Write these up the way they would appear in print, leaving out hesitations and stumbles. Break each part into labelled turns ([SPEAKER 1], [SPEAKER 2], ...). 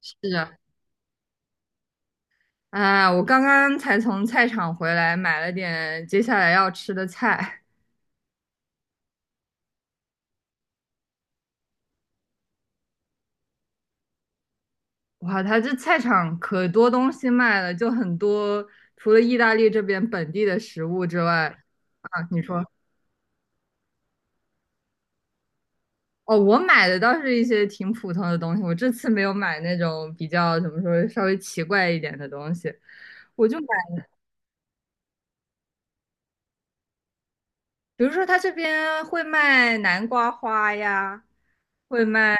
[SPEAKER 1] 是啊，啊，我刚刚才从菜场回来，买了点接下来要吃的菜。哇，它这菜场可多东西卖了，就很多，除了意大利这边本地的食物之外，啊，你说，哦，我买的倒是一些挺普通的东西，我这次没有买那种比较怎么说稍微奇怪一点的东西，我就买，比如说它这边会卖南瓜花呀，会卖。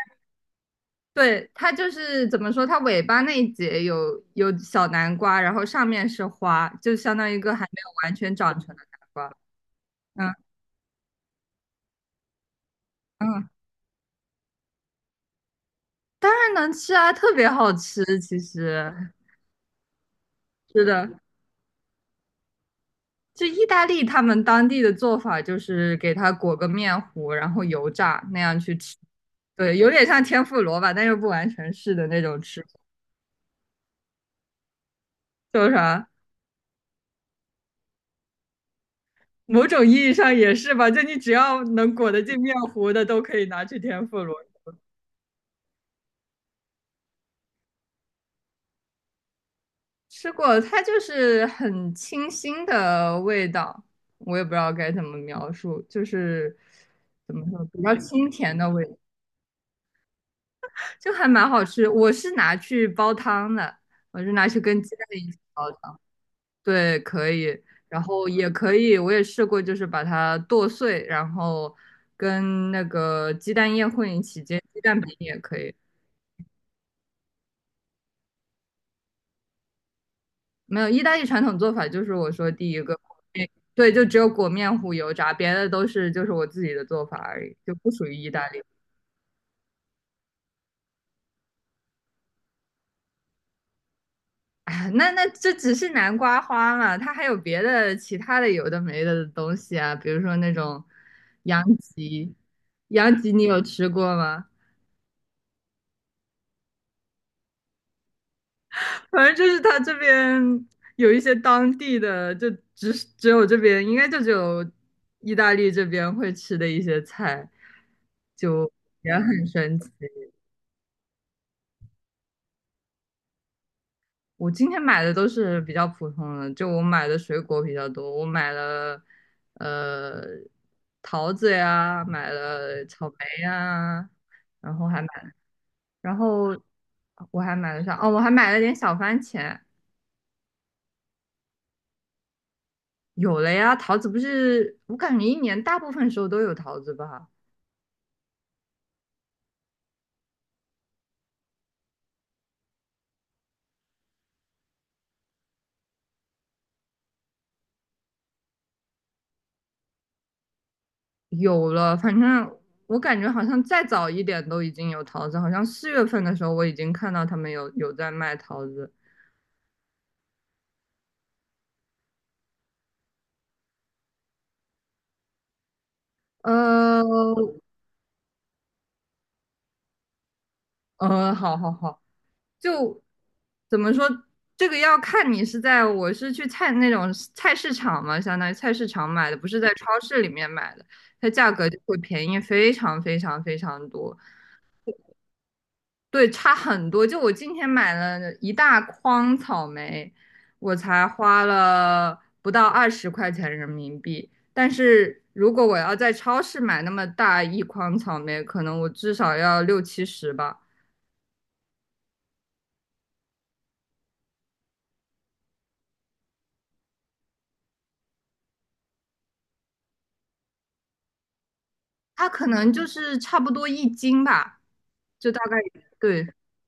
[SPEAKER 1] 对，它就是怎么说，它尾巴那一节有小南瓜，然后上面是花，就相当于一个还没有完全长成的南瓜。嗯嗯，当然能吃啊，特别好吃。其实是的，就意大利他们当地的做法就是给它裹个面糊，然后油炸那样去吃。对，有点像天妇罗吧，但又不完全是的那种吃法，叫啥？某种意义上也是吧，就你只要能裹得进面糊的，都可以拿去天妇罗。吃过，它就是很清新的味道，我也不知道该怎么描述，就是怎么说，比较清甜的味道，就还蛮好吃。我是拿去煲汤的，我是拿去跟鸡蛋一起煲汤。对，可以，然后也可以，我也试过，就是把它剁碎，然后跟那个鸡蛋液混一起煎，鸡蛋饼也可以。没有，意大利传统做法就是我说第一个，对，就只有裹面糊油炸，别的都是就是我自己的做法而已，就不属于意大利。哎呀那那这只是南瓜花嘛，它还有别的其他的有的没的东西啊，比如说那种羊脊，羊脊你有吃过吗？反正就是它这边有一些当地的，就只有这边，应该就只有意大利这边会吃的一些菜，就也很神奇。我今天买的都是比较普通的，就我买的水果比较多，我买了呃桃子呀，买了草莓呀，然后还买，然后我还买了啥？哦，我还买了点小番茄。有了呀，桃子不是，我感觉一年大部分时候都有桃子吧。有了，反正我感觉好像再早一点都已经有桃子，好像4月份的时候我已经看到他们有在卖桃子。呃，好好好，就怎么说，这个要看你是在我是去菜那种菜市场嘛，相当于菜市场买的，不是在超市里面买的，它价格就会便宜非常非常非常多，对，差很多。就我今天买了一大筐草莓，我才花了不到20块钱人民币，但是如果我要在超市买那么大一筐草莓，可能我至少要六七十吧。它可能就是差不多一斤吧，就大概对，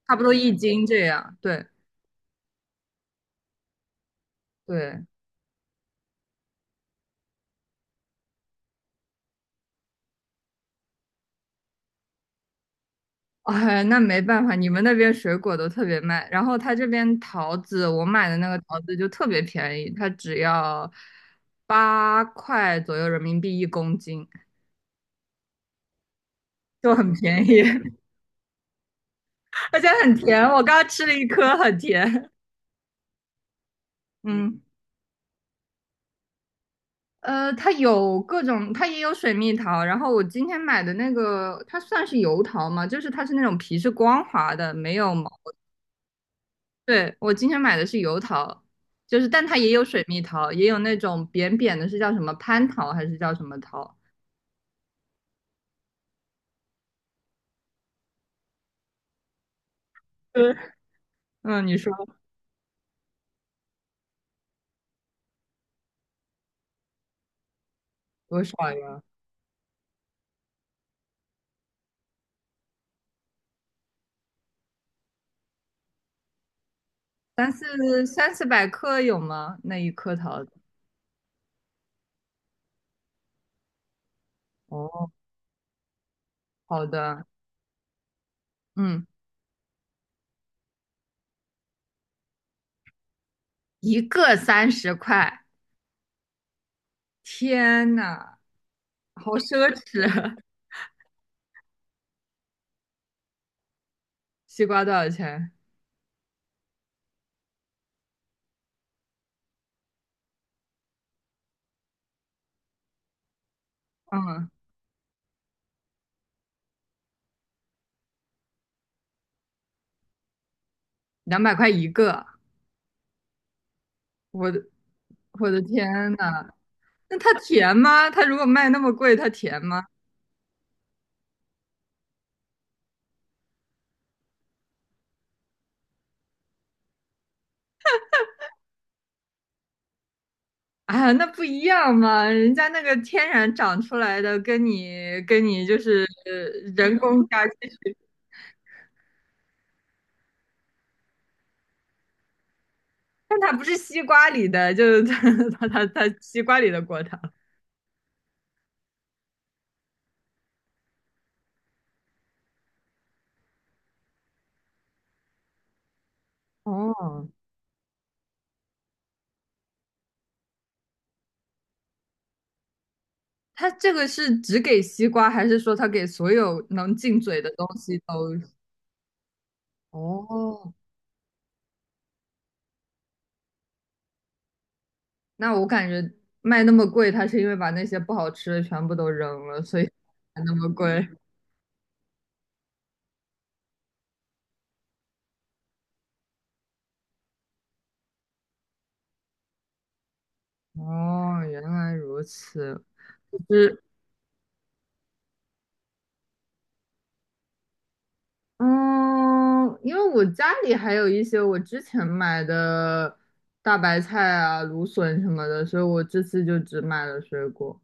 [SPEAKER 1] 差不多一斤这样。对对，哎，那没办法，你们那边水果都特别卖，然后它这边桃子，我买的那个桃子就特别便宜，它只要8块左右人民币一公斤，就很便宜，而且很甜。我刚刚吃了一颗，很甜。嗯，它有各种，它也有水蜜桃。然后我今天买的那个，它算是油桃吗？就是它是那种皮是光滑的，没有毛。对，我今天买的是油桃，就是但它也有水蜜桃，也有那种扁扁的，是叫什么蟠桃还是叫什么桃？嗯，嗯，你说多少呀？三四百克有吗？那一颗桃子？哦，好的，嗯，一个30块，天呐，好奢侈啊！西瓜多少钱？嗯。200块一个，我的我的天呐，那它甜吗？它如果卖那么贵，它甜吗？哎呀，那不一样嘛，人家那个天然长出来的，跟你就是人工加进去但它不是西瓜里的，就是它 它西瓜里的果糖。哦，它这个是只给西瓜，还是说它给所有能进嘴的东西都？哦，那我感觉卖那么贵，它是因为把那些不好吃的全部都扔了，所以才那么贵。哦，原来如此。就是嗯，因为我家里还有一些我之前买的大白菜啊、芦笋什么的，所以我这次就只买了水果。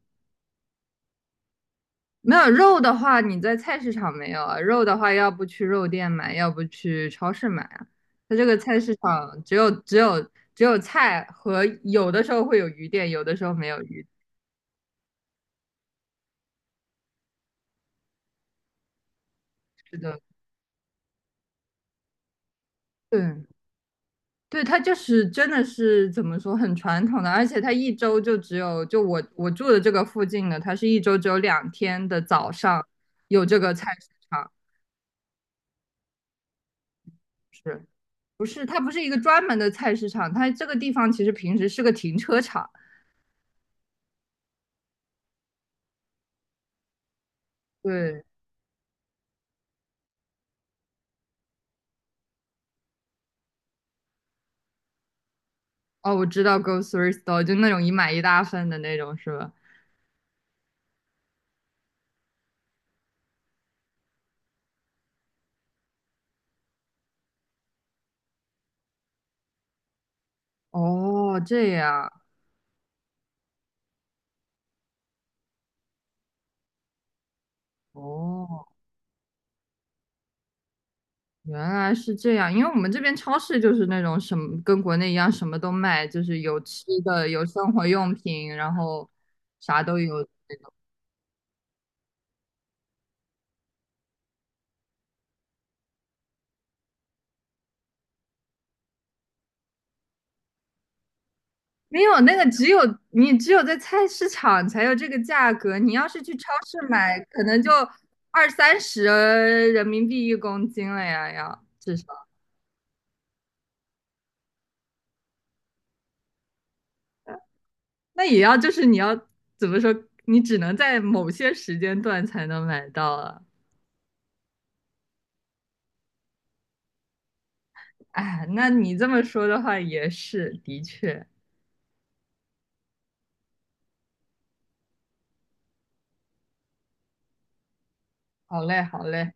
[SPEAKER 1] 没有肉的话，你在菜市场没有啊？肉的话，要不去肉店买，要不去超市买啊。它这个菜市场只有菜和有的时候会有鱼店，有的时候没有鱼是的。对对，它就是真的是怎么说，很传统的，而且它一周就只有就我住的这个附近的，它是一周只有2天的早上有这个菜市场，是不是？它不是一个专门的菜市场，它这个地方其实平时是个停车场。对，哦，我知道 grocery store 就那种一买一大份的那种，是吧？哦，这样，哦，原来是这样。因为我们这边超市就是那种什么跟国内一样，什么都卖，就是有吃的，有生活用品，然后啥都有。没有那个，只有你只有在菜市场才有这个价格。你要是去超市买，可能就二三十人民币一公斤了呀，要。至少。那也要就是你要怎么说，你只能在某些时间段才能买到啊。哎，那你这么说的话也是，的确，好嘞，好嘞，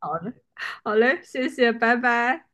[SPEAKER 1] 好嘞，好嘞，谢谢，拜拜。